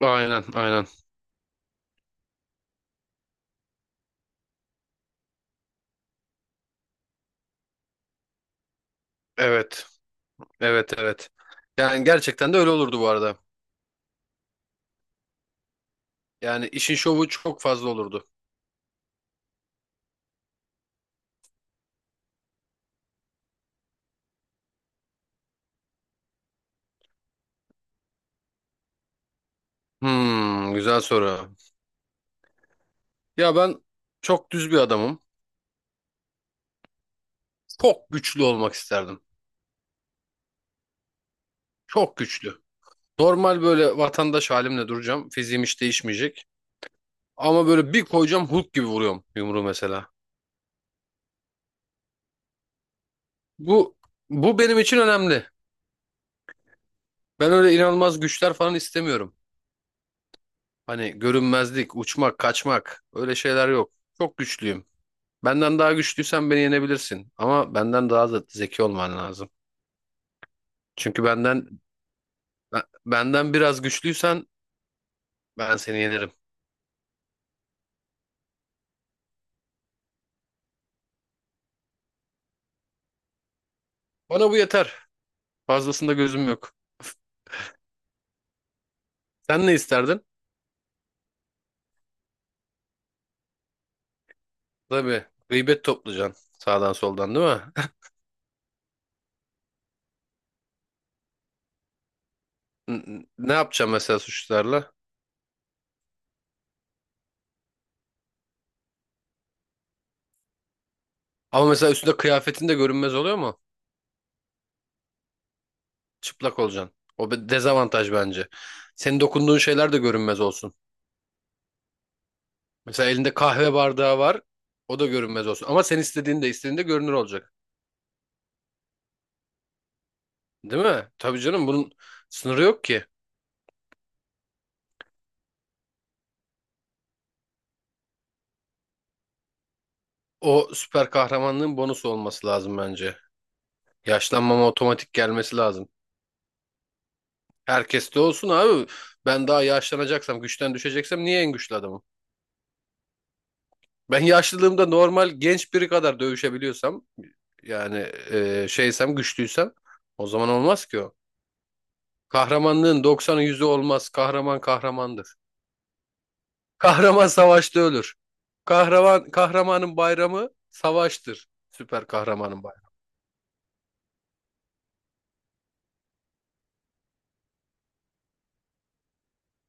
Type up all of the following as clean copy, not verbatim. Aynen, aynen. Evet, evet, evet. Yani gerçekten de öyle olurdu bu arada. Yani işin şovu çok fazla olurdu. Güzel soru. Ya ben çok düz bir adamım. Çok güçlü olmak isterdim. Çok güçlü. Normal böyle vatandaş halimle duracağım. Fiziğim hiç değişmeyecek. Ama böyle bir koyacağım, Hulk gibi vuruyorum yumruğu mesela. Bu bu benim için önemli. Ben öyle inanılmaz güçler falan istemiyorum. Hani görünmezlik, uçmak, kaçmak, öyle şeyler yok. Çok güçlüyüm. Benden daha güçlüysen beni yenebilirsin. Ama benden daha da zeki olman lazım. Çünkü benden biraz güçlüysen ben seni yenerim. Bana bu yeter. Fazlasında gözüm yok. Sen ne isterdin? Tabii. Gıybet toplayacaksın sağdan soldan, değil mi? N- Ne yapacağım mesela suçlularla? Ama mesela üstünde kıyafetin de görünmez oluyor mu? Çıplak olacaksın. O bir dezavantaj bence. Senin dokunduğun şeyler de görünmez olsun. Mesela elinde kahve bardağı var. O da görünmez olsun. Ama sen istediğinde görünür olacak. Değil mi? Tabii canım, bunun sınırı yok ki. O süper kahramanlığın bonusu olması lazım bence. Yaşlanmama otomatik gelmesi lazım. Herkes de olsun abi. Ben daha yaşlanacaksam, güçten düşeceksem, niye en güçlü adamım? Ben yaşlılığımda normal genç biri kadar dövüşebiliyorsam, yani şeysem, güçlüysem, o zaman olmaz ki o. Kahramanlığın 90'ı 100'ü olmaz. Kahraman kahramandır. Kahraman savaşta ölür. Kahraman kahramanın bayramı savaştır. Süper kahramanın bayramı.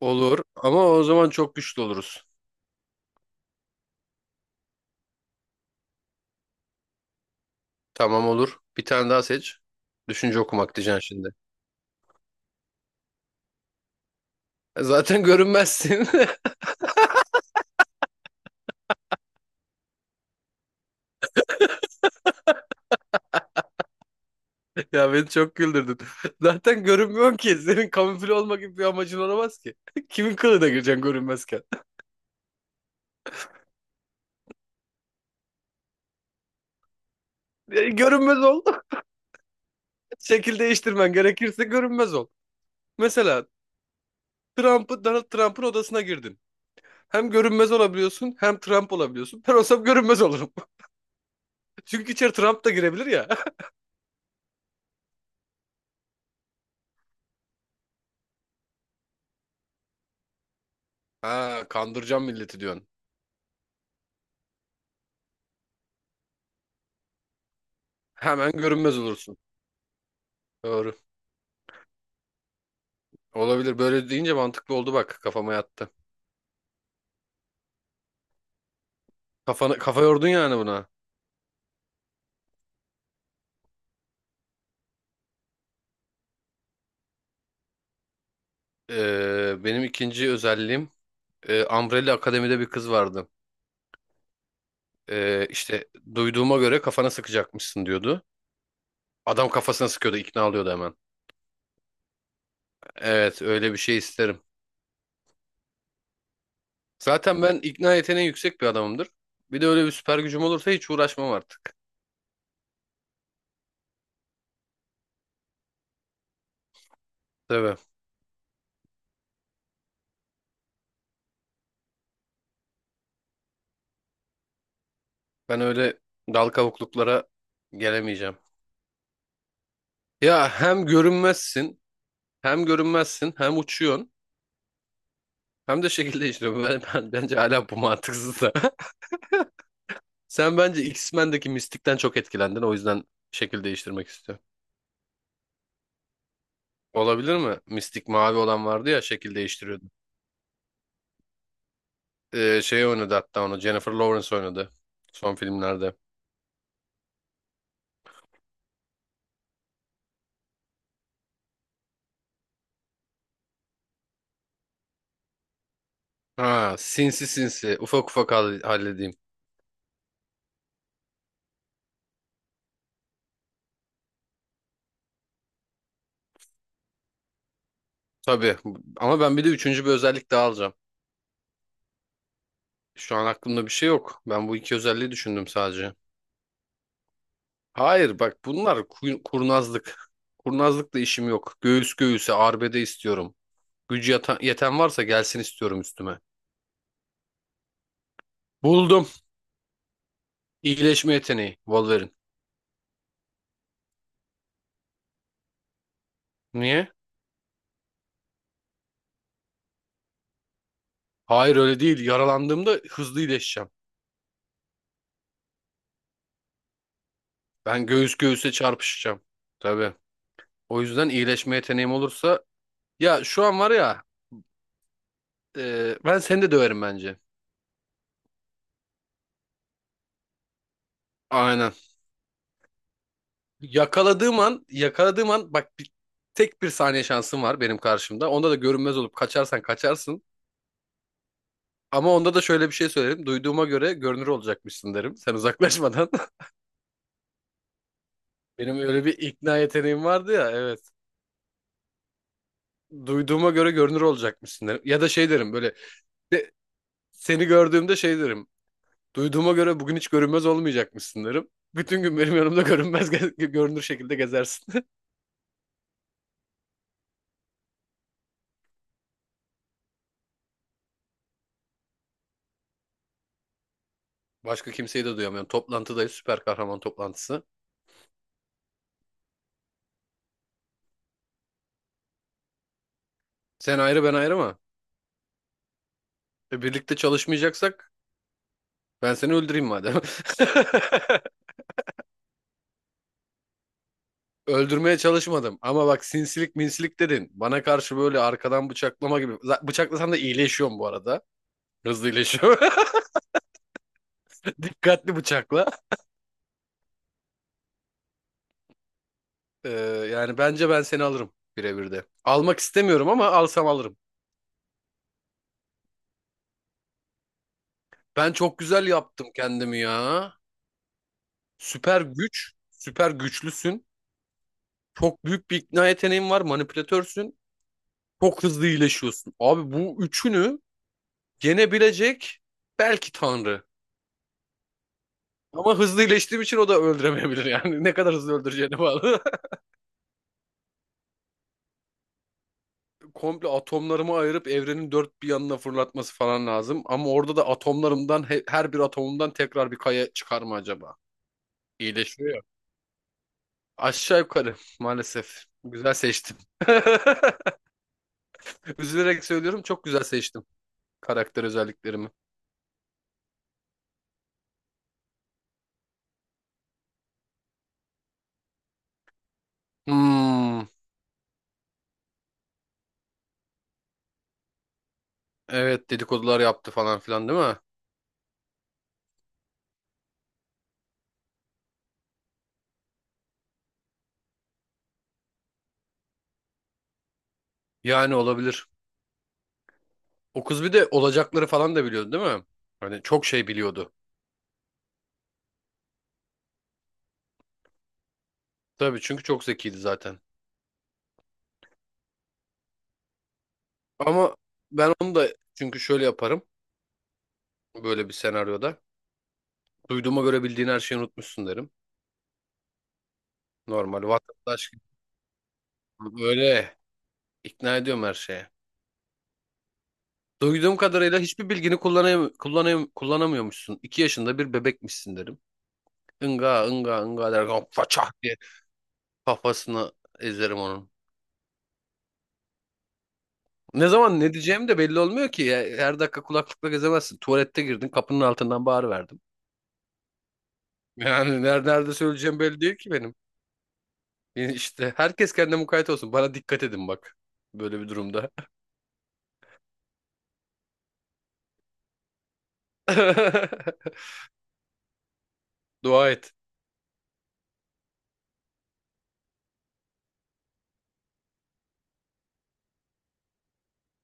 Olur, ama o zaman çok güçlü oluruz. Tamam, olur. Bir tane daha seç. Düşünce okumak diyeceksin şimdi. Zaten görünmezsin. Ya beni çok güldürdün. Zaten görünmüyorsun ki. Senin kamufle olma gibi bir amacın olamaz ki. Kimin kılığına gireceksin görünmezken? Görünmez ol. Şekil değiştirmen gerekirse görünmez ol. Mesela Trump'ı, Donald Trump'ın odasına girdin. Hem görünmez olabiliyorsun, hem Trump olabiliyorsun. Ben olsam görünmez olurum. Çünkü içeri Trump da girebilir ya. Ha, kandıracağım milleti diyorsun. Hemen görünmez olursun. Doğru. Olabilir. Böyle deyince mantıklı oldu bak. Kafama yattı. Kafana, kafa yordun yani buna. Benim ikinci özelliğim, Umbrella Akademi'de bir kız vardı. İşte duyduğuma göre kafana sıkacakmışsın diyordu. Adam kafasına sıkıyordu, ikna alıyordu hemen. Evet, öyle bir şey isterim. Zaten ben ikna yeteneği yüksek bir adamımdır. Bir de öyle bir süper gücüm olursa hiç uğraşmam artık. Tabii. Ben öyle dal kavukluklara gelemeyeceğim. Ya hem görünmezsin, hem uçuyorsun. Hem de şekilde işliyor. Ben, bence hala bu mantıksız da. Sen bence X-Men'deki Mystic'ten çok etkilendin. O yüzden şekil değiştirmek istiyor. Olabilir mi? Mystic, mavi olan vardı ya, şekil değiştiriyordu. Şey oynadı hatta onu. Jennifer Lawrence oynadı. Son filmlerde. Ha, sinsi sinsi. Ufak ufak halledeyim. Tabii. Ama ben bir de üçüncü bir özellik daha alacağım. Şu an aklımda bir şey yok. Ben bu iki özelliği düşündüm sadece. Hayır bak, bunlar kurnazlık. Kurnazlıkla işim yok. Göğüs göğüse arbede istiyorum. Gücü yeten varsa gelsin istiyorum üstüme. Buldum. İyileşme yeteneği. Wolverine. Niye? Hayır, öyle değil. Yaralandığımda hızlı iyileşeceğim. Ben göğüs göğüse çarpışacağım. Tabii. O yüzden iyileşme yeteneğim olursa... Ya şu an var ya... ben seni de döverim bence. Aynen. Yakaladığım an... Yakaladığım an... Bak bir, tek bir saniye şansım var benim karşımda. Onda da görünmez olup kaçarsan kaçarsın. Ama onda da şöyle bir şey söylerim. Duyduğuma göre görünür olacakmışsın derim. Sen uzaklaşmadan. Benim öyle bir ikna yeteneğim vardı ya, evet. Duyduğuma göre görünür olacakmışsın derim. Ya da şey derim, böyle de, seni gördüğümde şey derim. Duyduğuma göre bugün hiç görünmez olmayacakmışsın derim. Bütün gün benim yanımda görünmez görünür şekilde gezersin. Başka kimseyi de duyamıyorum. Toplantıdayız, süper kahraman toplantısı. Sen ayrı, ben ayrı mı? Birlikte çalışmayacaksak ben seni öldüreyim madem. Öldürmeye çalışmadım ama bak, sinsilik minsilik dedin. Bana karşı böyle arkadan bıçaklama gibi. Bıçaklasan da iyileşiyorum bu arada. Hızlı iyileşiyor. Dikkatli bıçakla. Ee, yani bence ben seni alırım birebir de. Almak istemiyorum ama alsam alırım. Ben çok güzel yaptım kendimi ya. Süper güç, süper güçlüsün. Çok büyük bir ikna yeteneğin var, manipülatörsün. Çok hızlı iyileşiyorsun. Abi, bu üçünü yenebilecek belki Tanrı. Ama hızlı iyileştiğim için o da öldüremeyebilir yani. Ne kadar hızlı öldüreceğine bağlı. Komple atomlarımı ayırıp evrenin dört bir yanına fırlatması falan lazım. Ama orada da atomlarımdan her bir atomumdan tekrar bir kaya çıkar mı acaba? İyileşiyor ya. Aşağı yukarı maalesef. Güzel seçtim. Üzülerek söylüyorum, çok güzel seçtim karakter özelliklerimi. Hmm, evet, dedikodular yaptı falan filan, değil mi? Yani olabilir. O kız bir de olacakları falan da biliyordu, değil mi? Hani çok şey biliyordu. Tabii, çünkü çok zekiydi zaten. Ama ben onu da, çünkü şöyle yaparım böyle bir senaryoda. Duyduğuma göre bildiğin her şeyi unutmuşsun derim. Normal vatandaş gibi. Böyle ikna ediyorum her şeye. Duyduğum kadarıyla hiçbir bilgini kullanamıyormuşsun. İki yaşında bir bebekmişsin derim. Inga ınga ınga der. Façah diye kafasını ezerim onun. Ne zaman ne diyeceğim de belli olmuyor ki. Ya. Her dakika kulaklıkla gezemezsin. Tuvalette girdin, kapının altından bağırıverdim. Yani nerede söyleyeceğim belli değil ki benim. Yani İşte herkes kendine mukayyet olsun. Bana dikkat edin bak. Böyle bir durumda. Dua et.